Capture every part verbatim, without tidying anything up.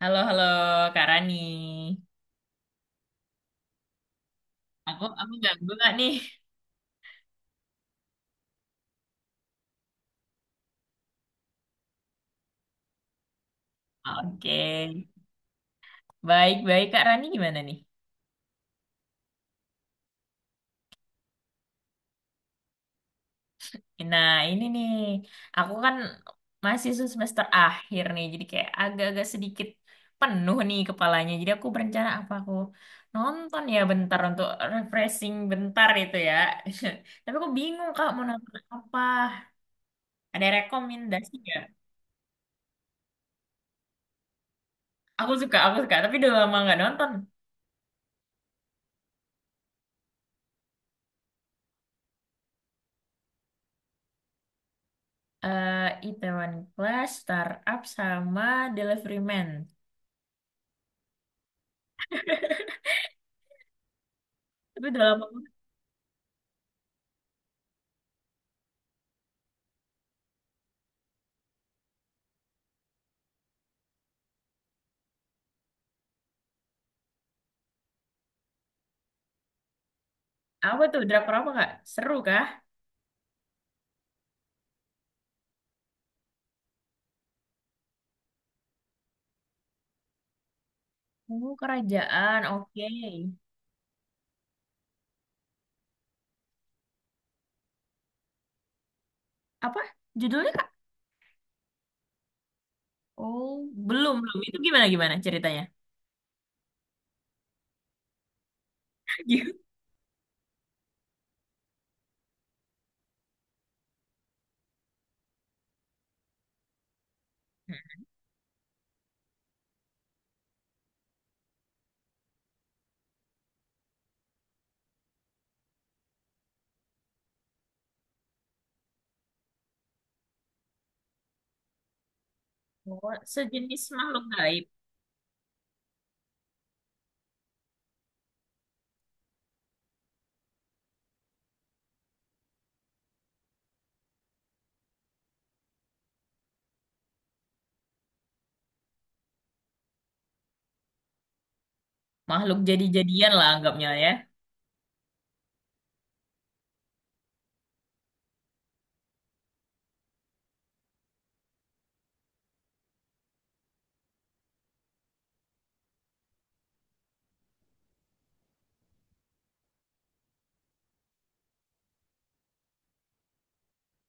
Halo, halo Kak Rani. Aku aku ganggu nggak nih? Oke. Baik-baik Kak Rani gimana nih? Nah, ini nih. Aku kan masih semester akhir nih, jadi kayak agak-agak sedikit penuh nih kepalanya. Jadi aku berencana apa aku nonton ya bentar untuk refreshing bentar itu ya. Tapi aku bingung Kak mau nonton apa. Ada rekomendasi nggak? Aku suka, aku suka, tapi udah lama nggak nonton. eh Itaewon Class, Startup, sama Delivery Man. Tapi udah lama banget. Apa tuh? Drakor apa, Kak? Seru kah? Oh, kerajaan. Oke. Apa judulnya, Kak? Oh, belum, belum. Itu gimana gimana ceritanya? Gitu. Oh, sejenis makhluk gaib. Makhluk jadi-jadian lah anggapnya ya.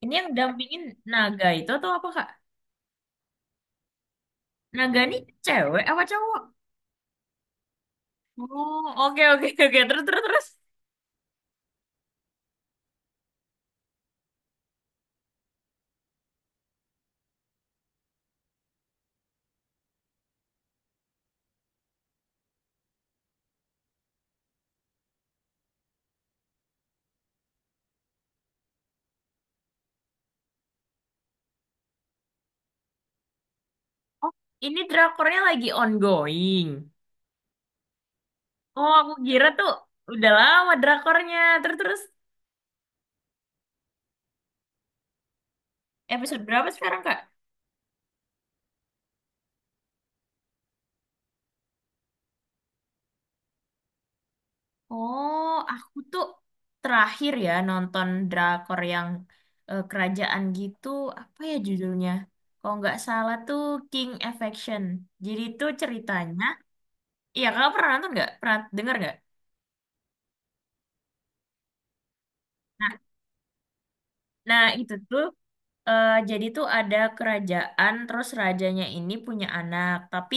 Ini yang dampingin naga itu atau apa, Kak? Naga ini cewek apa cowok? Oh, oke oke oke. Terus terus terus. Oh, ini drakornya lagi ongoing. Oh, aku kira tuh udah lama drakornya. Terus terus episode berapa sekarang, Kak? Oh, aku tuh terakhir ya nonton drakor yang eh, kerajaan gitu. Apa ya judulnya? Kalau nggak salah tuh King Affection. Jadi tuh ceritanya, iya kakak pernah nonton nggak? Pernah dengar nggak? Nah, nah itu tuh eh, jadi tuh ada kerajaan, terus rajanya ini punya anak, tapi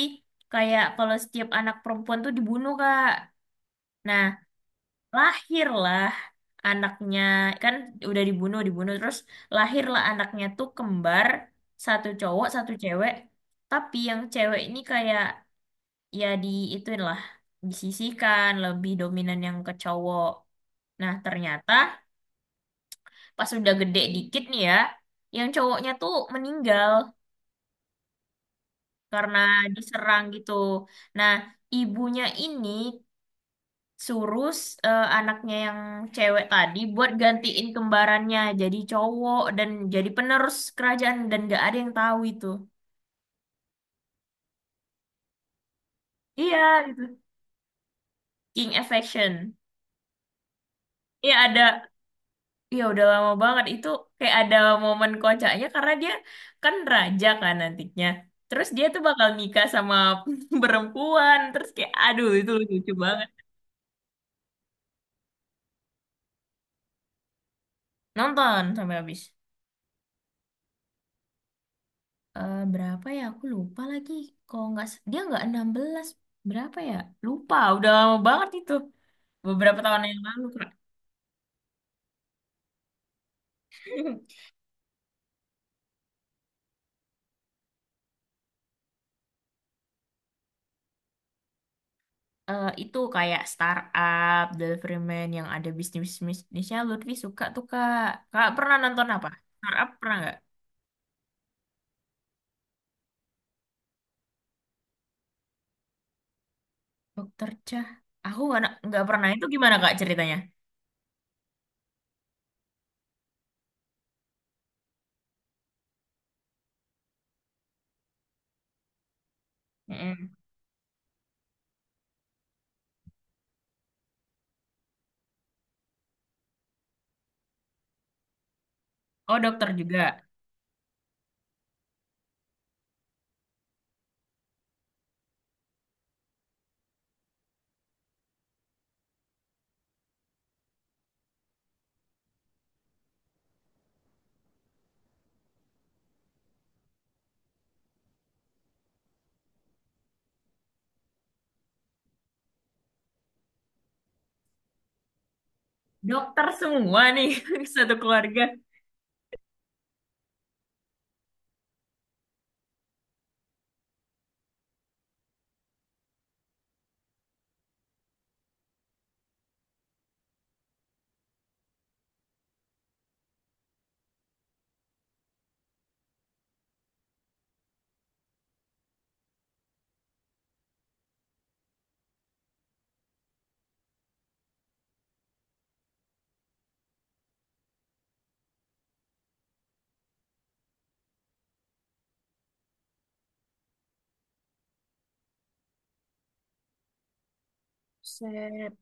kayak kalau setiap anak perempuan tuh dibunuh, Kak. Nah, lahirlah anaknya kan udah dibunuh dibunuh terus lahirlah anaknya tuh kembar satu cowok satu cewek tapi yang cewek ini kayak ya di ituin lah disisihkan lebih dominan yang ke cowok nah ternyata pas udah gede dikit nih ya yang cowoknya tuh meninggal karena diserang gitu nah ibunya ini suruh s- eh, anaknya yang cewek tadi buat gantiin kembarannya jadi cowok dan jadi penerus kerajaan dan gak ada yang tahu itu. Iya, itu King Affection. Iya ada, ya udah lama banget itu kayak ada momen kocaknya karena dia kan raja kan nantinya. Terus dia tuh bakal nikah sama perempuan. Terus kayak aduh itu lucu banget. Nonton sampai habis. eh, berapa ya? Aku lupa lagi. Kalau nggak s- dia nggak enam belas berapa ya? Lupa. Udah lama banget itu. Beberapa tahun yang lalu, Kak. Eh, itu kayak startup, deliveryman yang ada bisnis-bisnisnya Lutfi suka tuh Kak. Kak pernah nonton apa? Startup pernah nggak? Dokter Cah. Aku nggak na- nggak pernah. Itu gimana Kak ceritanya? Mm-mm. Oh dokter juga. Dokter semua nih satu keluarga. Set.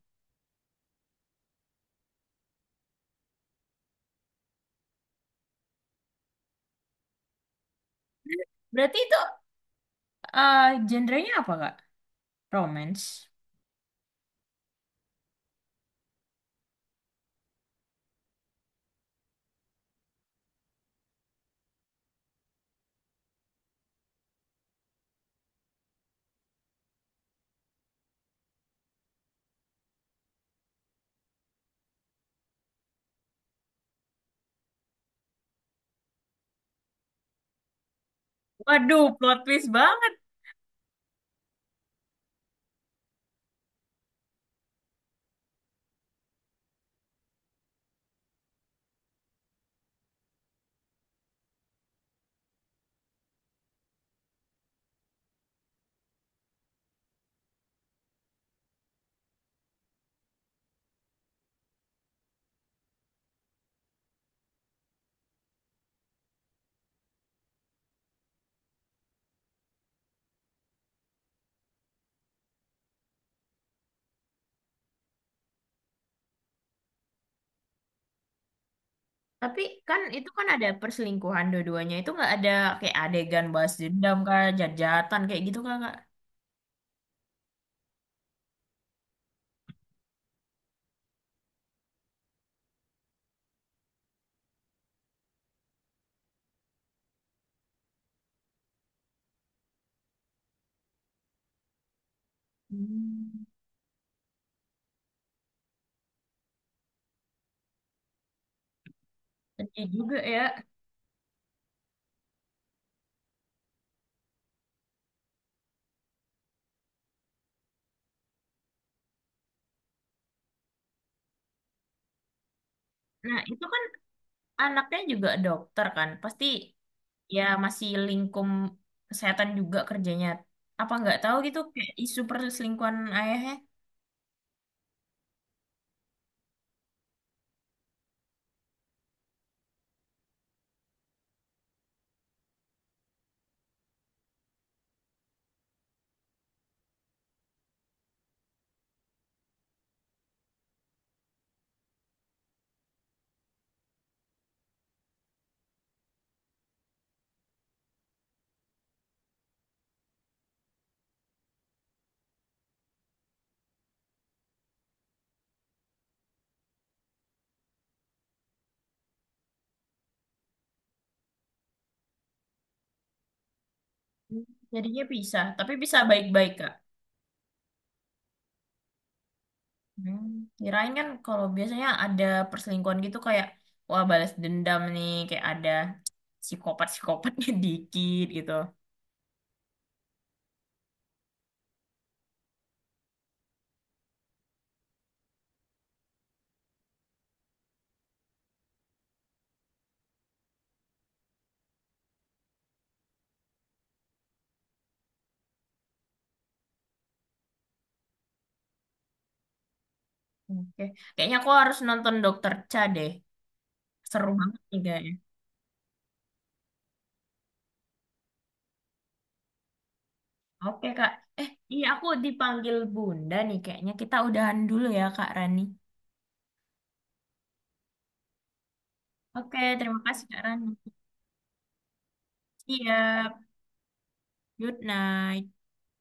Berarti itu eh genrenya apa Kak? Romance. Waduh, plot twist banget. Tapi kan itu kan ada perselingkuhan dua-duanya. Itu nggak ada kayak adegan balas dendam kak, jat-jatan kayak gitu kak, Kak. Hmm, sedih juga ya. Nah itu kan anaknya juga dokter kan. Pasti ya masih lingkup kesehatan juga kerjanya. Apa nggak tahu gitu kayak isu perselingkuhan ayahnya. Hmm, jadinya bisa. Tapi bisa baik-baik kak. Hmm, kirain kan kalau biasanya ada perselingkuhan gitu kayak wah balas dendam nih kayak ada psikopat-psikopatnya dikit gitu. Oke, kayaknya aku harus nonton Dokter Cha deh. Seru banget nih kayaknya. Oke Kak. Eh, iya aku dipanggil Bunda nih kayaknya. Kita udahan dulu ya Kak Rani. Oke, terima kasih Kak Rani. Siap. Good night.